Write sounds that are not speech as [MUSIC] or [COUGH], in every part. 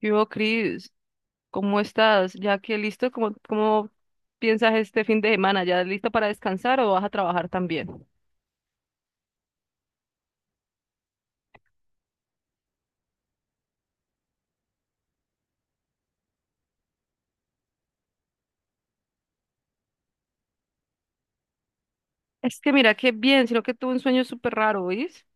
Yo, Cris, ¿cómo estás? Ya que listo, ¿cómo piensas este fin de semana? ¿Ya listo para descansar o vas a trabajar también? Es que mira, qué bien, sino que tuve un sueño súper raro, ¿oís?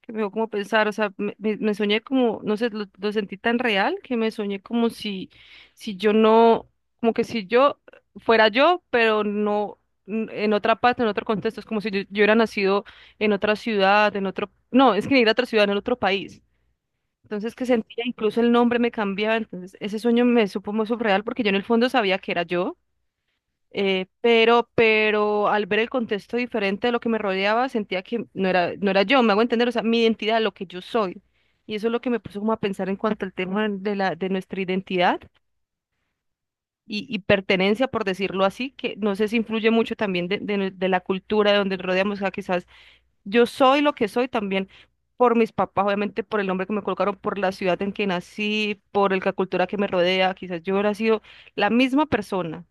Que me dio como pensar, o sea, me soñé como, no sé, lo sentí tan real que me soñé como si, si yo no, como que si yo fuera yo, pero no en otra parte, en otro contexto, es como si yo hubiera nacido en otra ciudad, en otro, no, es que ni era otra ciudad, en otro país. Entonces que sentía, incluso el nombre me cambiaba, entonces ese sueño me supo muy surreal porque yo en el fondo sabía que era yo. Pero al ver el contexto diferente de lo que me rodeaba, sentía que no era yo, me hago entender, o sea, mi identidad, lo que yo soy. Y eso es lo que me puso como a pensar en cuanto al tema de la, de nuestra identidad y pertenencia, por decirlo así, que no sé si influye mucho también de la cultura de donde rodeamos, o sea, quizás yo soy lo que soy también por mis papás, obviamente por el nombre que me colocaron, por la ciudad en que nací, la cultura que me rodea. Quizás yo hubiera sido la misma persona,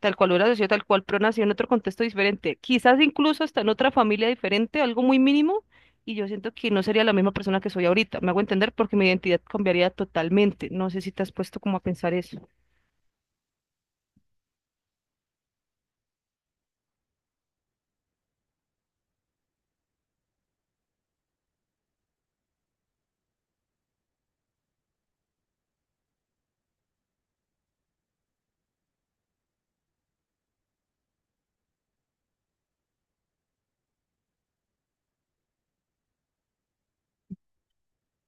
tal cual hubiera sido tal cual, pero nací en otro contexto diferente. Quizás incluso hasta en otra familia diferente, algo muy mínimo, y yo siento que no sería la misma persona que soy ahorita. Me hago entender porque mi identidad cambiaría totalmente. ¿No sé si te has puesto como a pensar eso?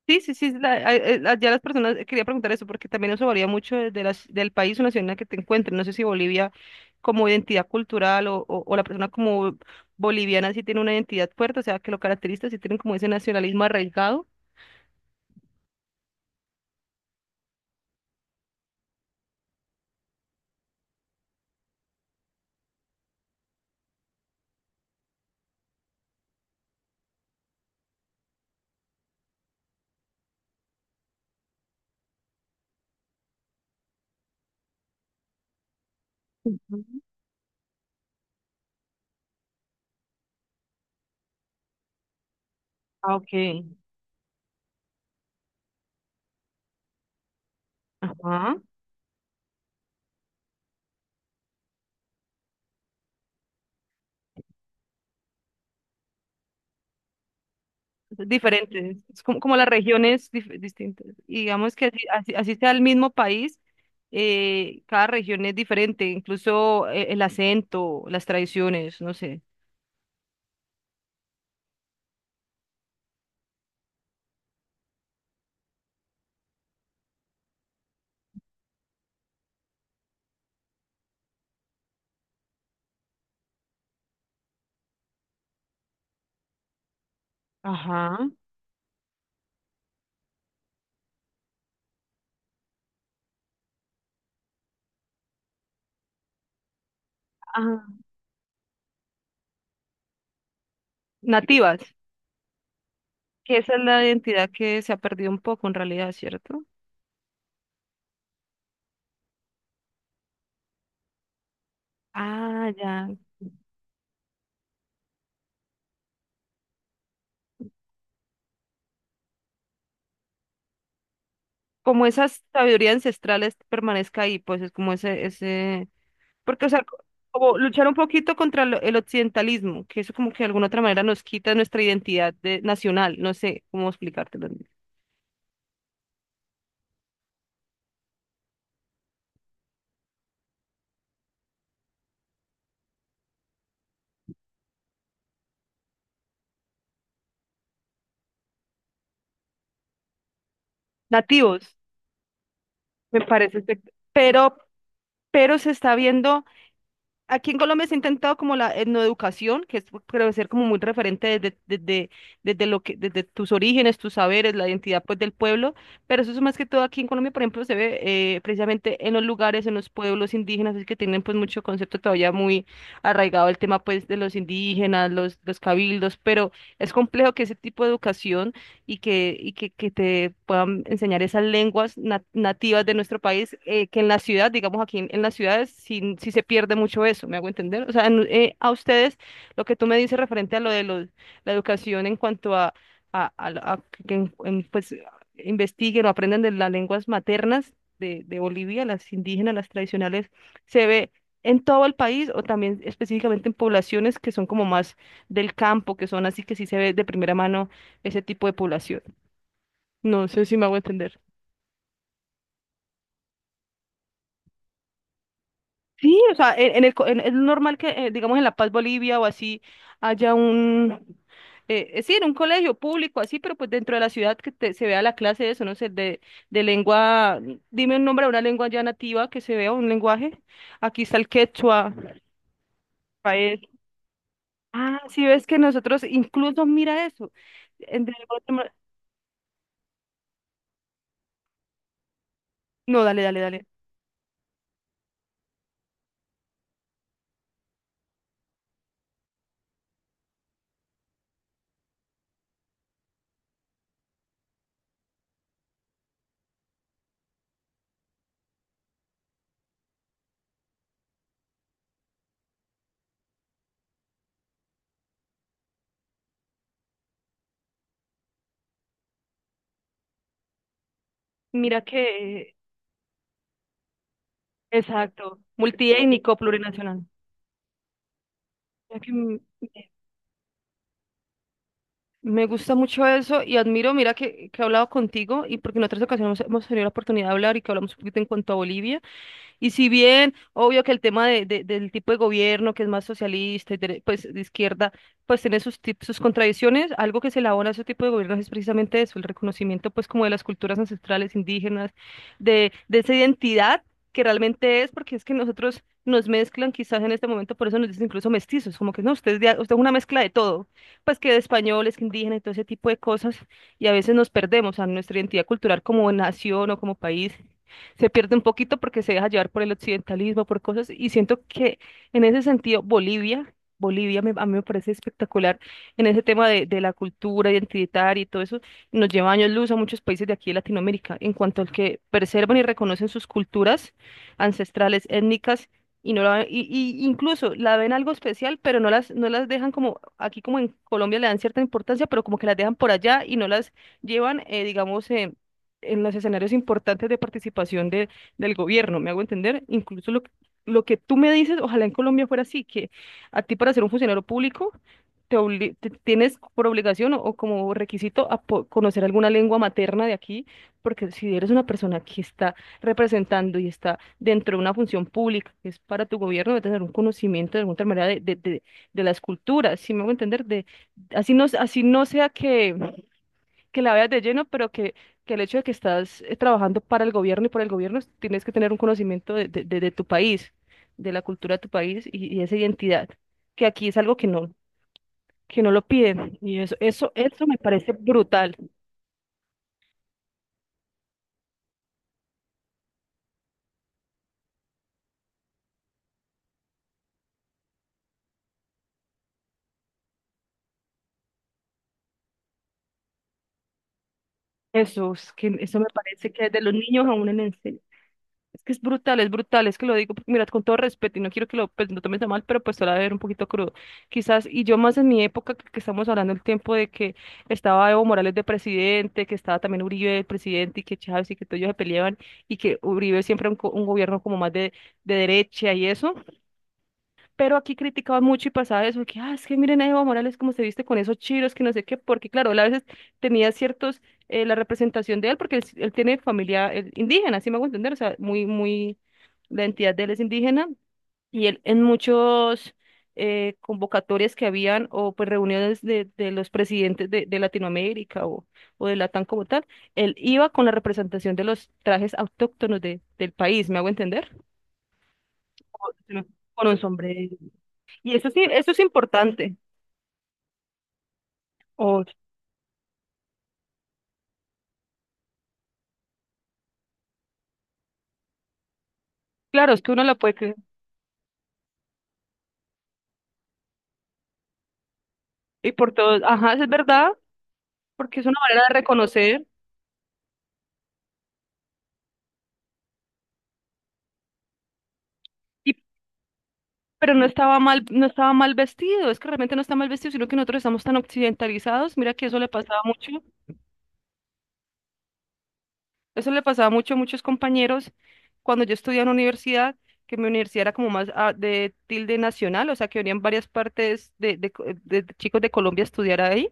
Sí, sí, sí, ya las personas, quería preguntar eso porque también eso varía mucho de del país o nación en la que te encuentres. No sé si Bolivia como identidad cultural o la persona como boliviana sí tiene una identidad fuerte, o sea, que lo caracteriza, sí tienen como ese nacionalismo arraigado. Ujú. Ah, ok. Ajá. Diferentes, es como, como las regiones distintas. Y digamos que así sea el mismo país, cada región es diferente, incluso el acento, las tradiciones, no sé. Ajá. Ajá. Nativas, que esa es la identidad que se ha perdido un poco en realidad, ¿cierto? Ah, ya. Como esa sabiduría ancestral permanezca ahí, pues es como porque, o sea, como luchar un poquito contra el occidentalismo, que eso como que de alguna otra manera nos quita nuestra identidad de, nacional, no sé cómo explicártelo. Nativos, me parece, pero se está viendo. Aquí en Colombia se ha intentado como la etnoeducación, que es, pues, creo ser como muy referente desde lo que, desde tus orígenes, tus saberes, la identidad pues del pueblo, pero eso es más que todo aquí en Colombia, por ejemplo, se ve precisamente en los lugares, en los pueblos indígenas, es que tienen pues mucho concepto todavía muy arraigado el tema pues de los indígenas, los cabildos, pero es complejo que ese tipo de educación que te puedan enseñar esas lenguas nativas de nuestro país, que en la ciudad, digamos en las ciudades, sí, sí se pierde mucho eso, ¿me hago entender? O sea, a ustedes, lo que tú me dices referente a lo de los, la educación en cuanto a, a que pues, investiguen o aprendan de las lenguas maternas de Bolivia, las indígenas, las tradicionales, se ve en todo el país o también específicamente en poblaciones que son como más del campo, que son así que sí se ve de primera mano ese tipo de población. No sé si me hago entender. Sí, o sea, en el, co- en- es normal que, digamos, en La Paz, Bolivia o así, haya un, sí, en un colegio público, así, pero pues dentro de la ciudad que se vea la clase de eso, no sé, de lengua, dime un nombre de una lengua ya nativa que se vea, un lenguaje. Aquí está el quechua, paez. Ah, sí, ves que nosotros, incluso mira eso. En- de No, dale, dale, dale. Mira que, exacto, multiétnico, plurinacional. Ya que, me gusta mucho eso y admiro, mira que he hablado contigo y porque en otras ocasiones hemos, tenido la oportunidad de hablar y que hablamos un poquito en cuanto a Bolivia. Y si bien, obvio que el tema del tipo de gobierno que es más socialista y pues de izquierda, pues tiene sus, sus contradicciones, algo que se elabora a ese tipo de gobiernos es precisamente eso, el reconocimiento pues como de las culturas ancestrales indígenas, de esa identidad que realmente es, porque es que nosotros nos mezclan quizás en este momento, por eso nos dicen incluso mestizos, como que no, usted es, usted es una mezcla de todo, pues que de españoles, que indígenas y todo ese tipo de cosas, y a veces nos perdemos a nuestra identidad cultural como nación o como país se pierde un poquito porque se deja llevar por el occidentalismo, por cosas, y siento que en ese sentido Bolivia, Bolivia a mí me parece espectacular en ese tema de la cultura identitaria y todo eso, nos lleva años luz a muchos países de aquí de Latinoamérica en cuanto al que preservan y reconocen sus culturas ancestrales, étnicas. Y no la, y incluso la ven algo especial, pero no las, no las dejan como, aquí como en Colombia le dan cierta importancia, pero como que las dejan por allá y no las llevan, en los escenarios importantes de participación de, del gobierno, ¿me hago entender? Incluso lo que tú me dices, ojalá en Colombia fuera así, que a ti para ser un funcionario público tienes por obligación o como requisito a conocer alguna lengua materna de aquí, porque si eres una persona que está representando y está dentro de una función pública que es para tu gobierno, debe tener un conocimiento de alguna otra manera de las culturas, ¿si me hago entender? De, así no sea que la veas de lleno, pero que el hecho de que estás trabajando para el gobierno y por el gobierno, tienes que tener un conocimiento de tu país, de la cultura de tu país y esa identidad, que aquí es algo que no lo piden. Y eso me parece brutal. Eso, es que, eso me parece que desde los niños aún en enseñan. Es que es brutal, es que lo digo, porque, mira, con todo respeto, y no quiero que lo, pues, no tomes a mal, pero pues te lo voy a ver un poquito crudo. Quizás, y yo más en mi época, que estamos hablando el tiempo de que estaba Evo Morales de presidente, que estaba también Uribe de presidente, y que Chávez y que todos ellos se peleaban, y que Uribe siempre un, un gobierno como más de derecha y eso. Pero aquí criticaban mucho y pasaba eso, que, ah, es que miren a Evo Morales cómo se viste con esos chiros, que no sé qué, porque claro, él a veces tenía ciertos, la representación de él, porque él tiene familia él indígena, así me hago entender, o sea, muy, muy, la entidad de él es indígena, y él en muchos convocatorias que habían, o pues reuniones de los presidentes de Latinoamérica o de Latam como tal, él iba con la representación de los trajes autóctonos de, del país, ¿me hago entender? Con con un sombrero. Y eso sí, eso es importante. O, claro, es que uno la puede creer. Y por todos, ajá, es verdad, porque es una manera de reconocer. Y, pero no estaba mal, no estaba mal vestido. Es que realmente no está mal vestido, sino que nosotros estamos tan occidentalizados. Mira que eso le pasaba mucho. Eso le pasaba mucho a muchos compañeros cuando yo estudiaba en universidad, que mi universidad era como más ah, de tilde nacional, o sea, que venían varias partes de chicos de Colombia a estudiar ahí.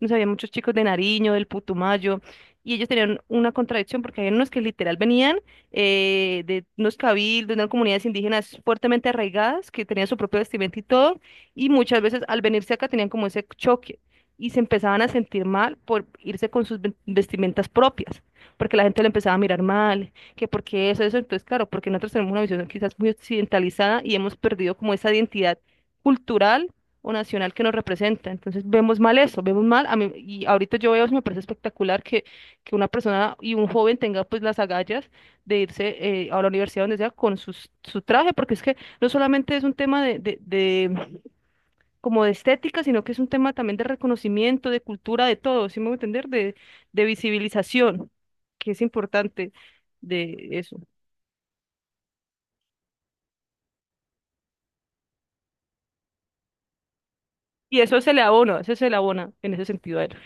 Nos había muchos chicos de Nariño, del Putumayo, y ellos tenían una contradicción porque había unos que literal venían de unos cabildos, de unas comunidades indígenas fuertemente arraigadas, que tenían su propio vestimenta y todo, y muchas veces al venirse acá tenían como ese choque y se empezaban a sentir mal por irse con sus vestimentas propias porque la gente lo empezaba a mirar mal, que porque eso, entonces claro, porque nosotros tenemos una visión quizás muy occidentalizada y hemos perdido como esa identidad cultural o nacional que nos representa. Entonces vemos mal eso, vemos mal, a mí, y ahorita yo veo, eso me parece espectacular que una persona y un joven tenga pues las agallas de irse a la universidad donde sea con sus, su traje, porque es que no solamente es un tema de como de estética, sino que es un tema también de reconocimiento, de cultura, de todo. ¿Sí me voy a entender? De visibilización, que es importante de eso. Y eso se le abona, eso se le abona en ese sentido a él.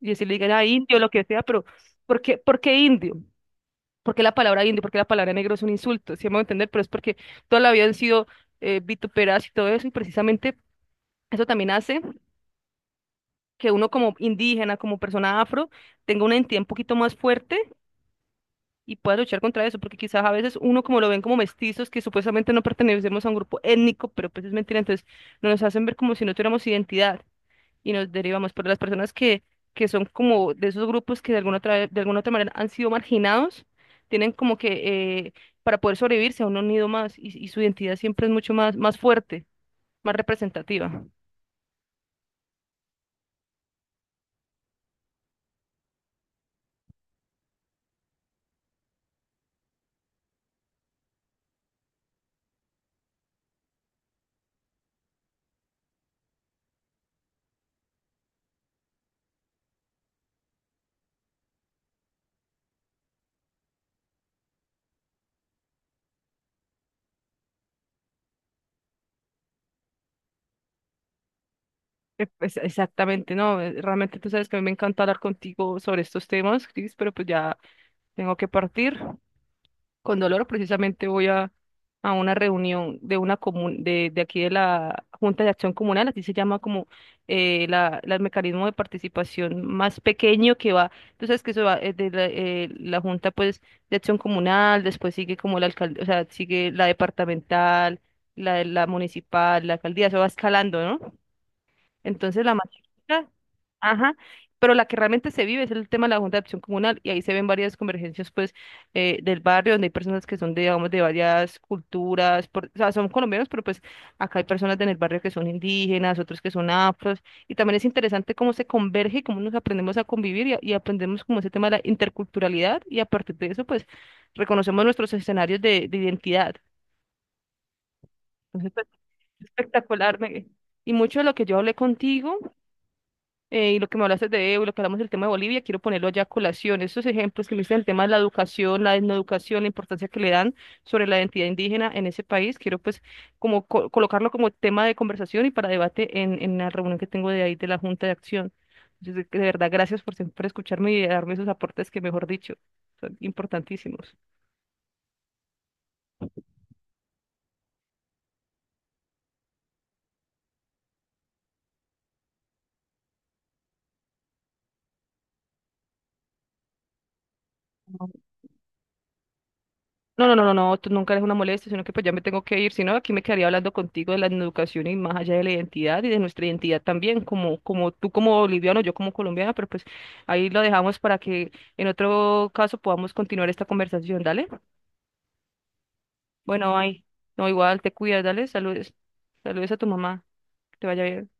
Y si le digan a indio, lo que sea, pero por qué indio? ¿Por qué la palabra indio? ¿Por qué la palabra negro es un insulto? ¿Sí me voy a entender? Pero es porque toda la vida han sido vituperadas y todo eso, y precisamente eso también hace que uno como indígena, como persona afro, tenga una identidad un poquito más fuerte y pueda luchar contra eso, porque quizás a veces uno como lo ven como mestizos, que supuestamente no pertenecemos a un grupo étnico, pero pues es mentira. Entonces no nos hacen ver como si no tuviéramos identidad y nos derivamos, pero las personas que son como de esos grupos que de alguna otra manera han sido marginados, tienen como que para poder sobrevivir se han unido más y su identidad siempre es mucho más, más fuerte, más representativa. [LAUGHS] Pues exactamente, no, realmente tú sabes que a mí me encanta hablar contigo sobre estos temas, Cris, pero pues ya tengo que partir. Con dolor, precisamente voy a una reunión de una de aquí de la Junta de Acción Comunal, así se llama como el mecanismo de participación más pequeño que va, tú sabes que eso va de la, la Junta pues de Acción Comunal, después sigue como la alcaldía, o sea, sigue la departamental, la municipal, la alcaldía, eso va escalando, ¿no? Entonces la más chiquita, ajá, pero la que realmente se vive es el tema de la Junta de Acción Comunal y ahí se ven varias convergencias pues del barrio donde hay personas que son de, digamos, de varias culturas, o sea, son colombianos, pero pues acá hay personas en el barrio que son indígenas, otros que son afros, y también es interesante cómo se converge y cómo nos aprendemos a convivir y, y aprendemos como ese tema de la interculturalidad, y a partir de eso pues reconocemos nuestros escenarios de identidad. Entonces, pues, espectacular, me- Y mucho de lo que yo hablé contigo y lo que me hablaste de Evo y lo que hablamos del tema de Bolivia, quiero ponerlo allá a colación. Estos ejemplos que me diste del tema de la educación, la educación, la importancia que le dan sobre la identidad indígena en ese país, quiero pues como colocarlo como tema de conversación y para debate en la reunión que tengo de ahí de la Junta de Acción. Entonces, de verdad, gracias por siempre escucharme y darme esos aportes que, mejor dicho, son importantísimos. No, no, no, no, no, tú nunca eres una molestia, sino que pues ya me tengo que ir, si no, aquí me quedaría hablando contigo de la educación y más allá de la identidad y de nuestra identidad también, como, como tú como boliviano, yo como colombiana, pero pues ahí lo dejamos para que en otro caso podamos continuar esta conversación, dale. Bueno, ahí, no, igual, te cuidas, dale, saludes, saludes a tu mamá, que te vaya bien.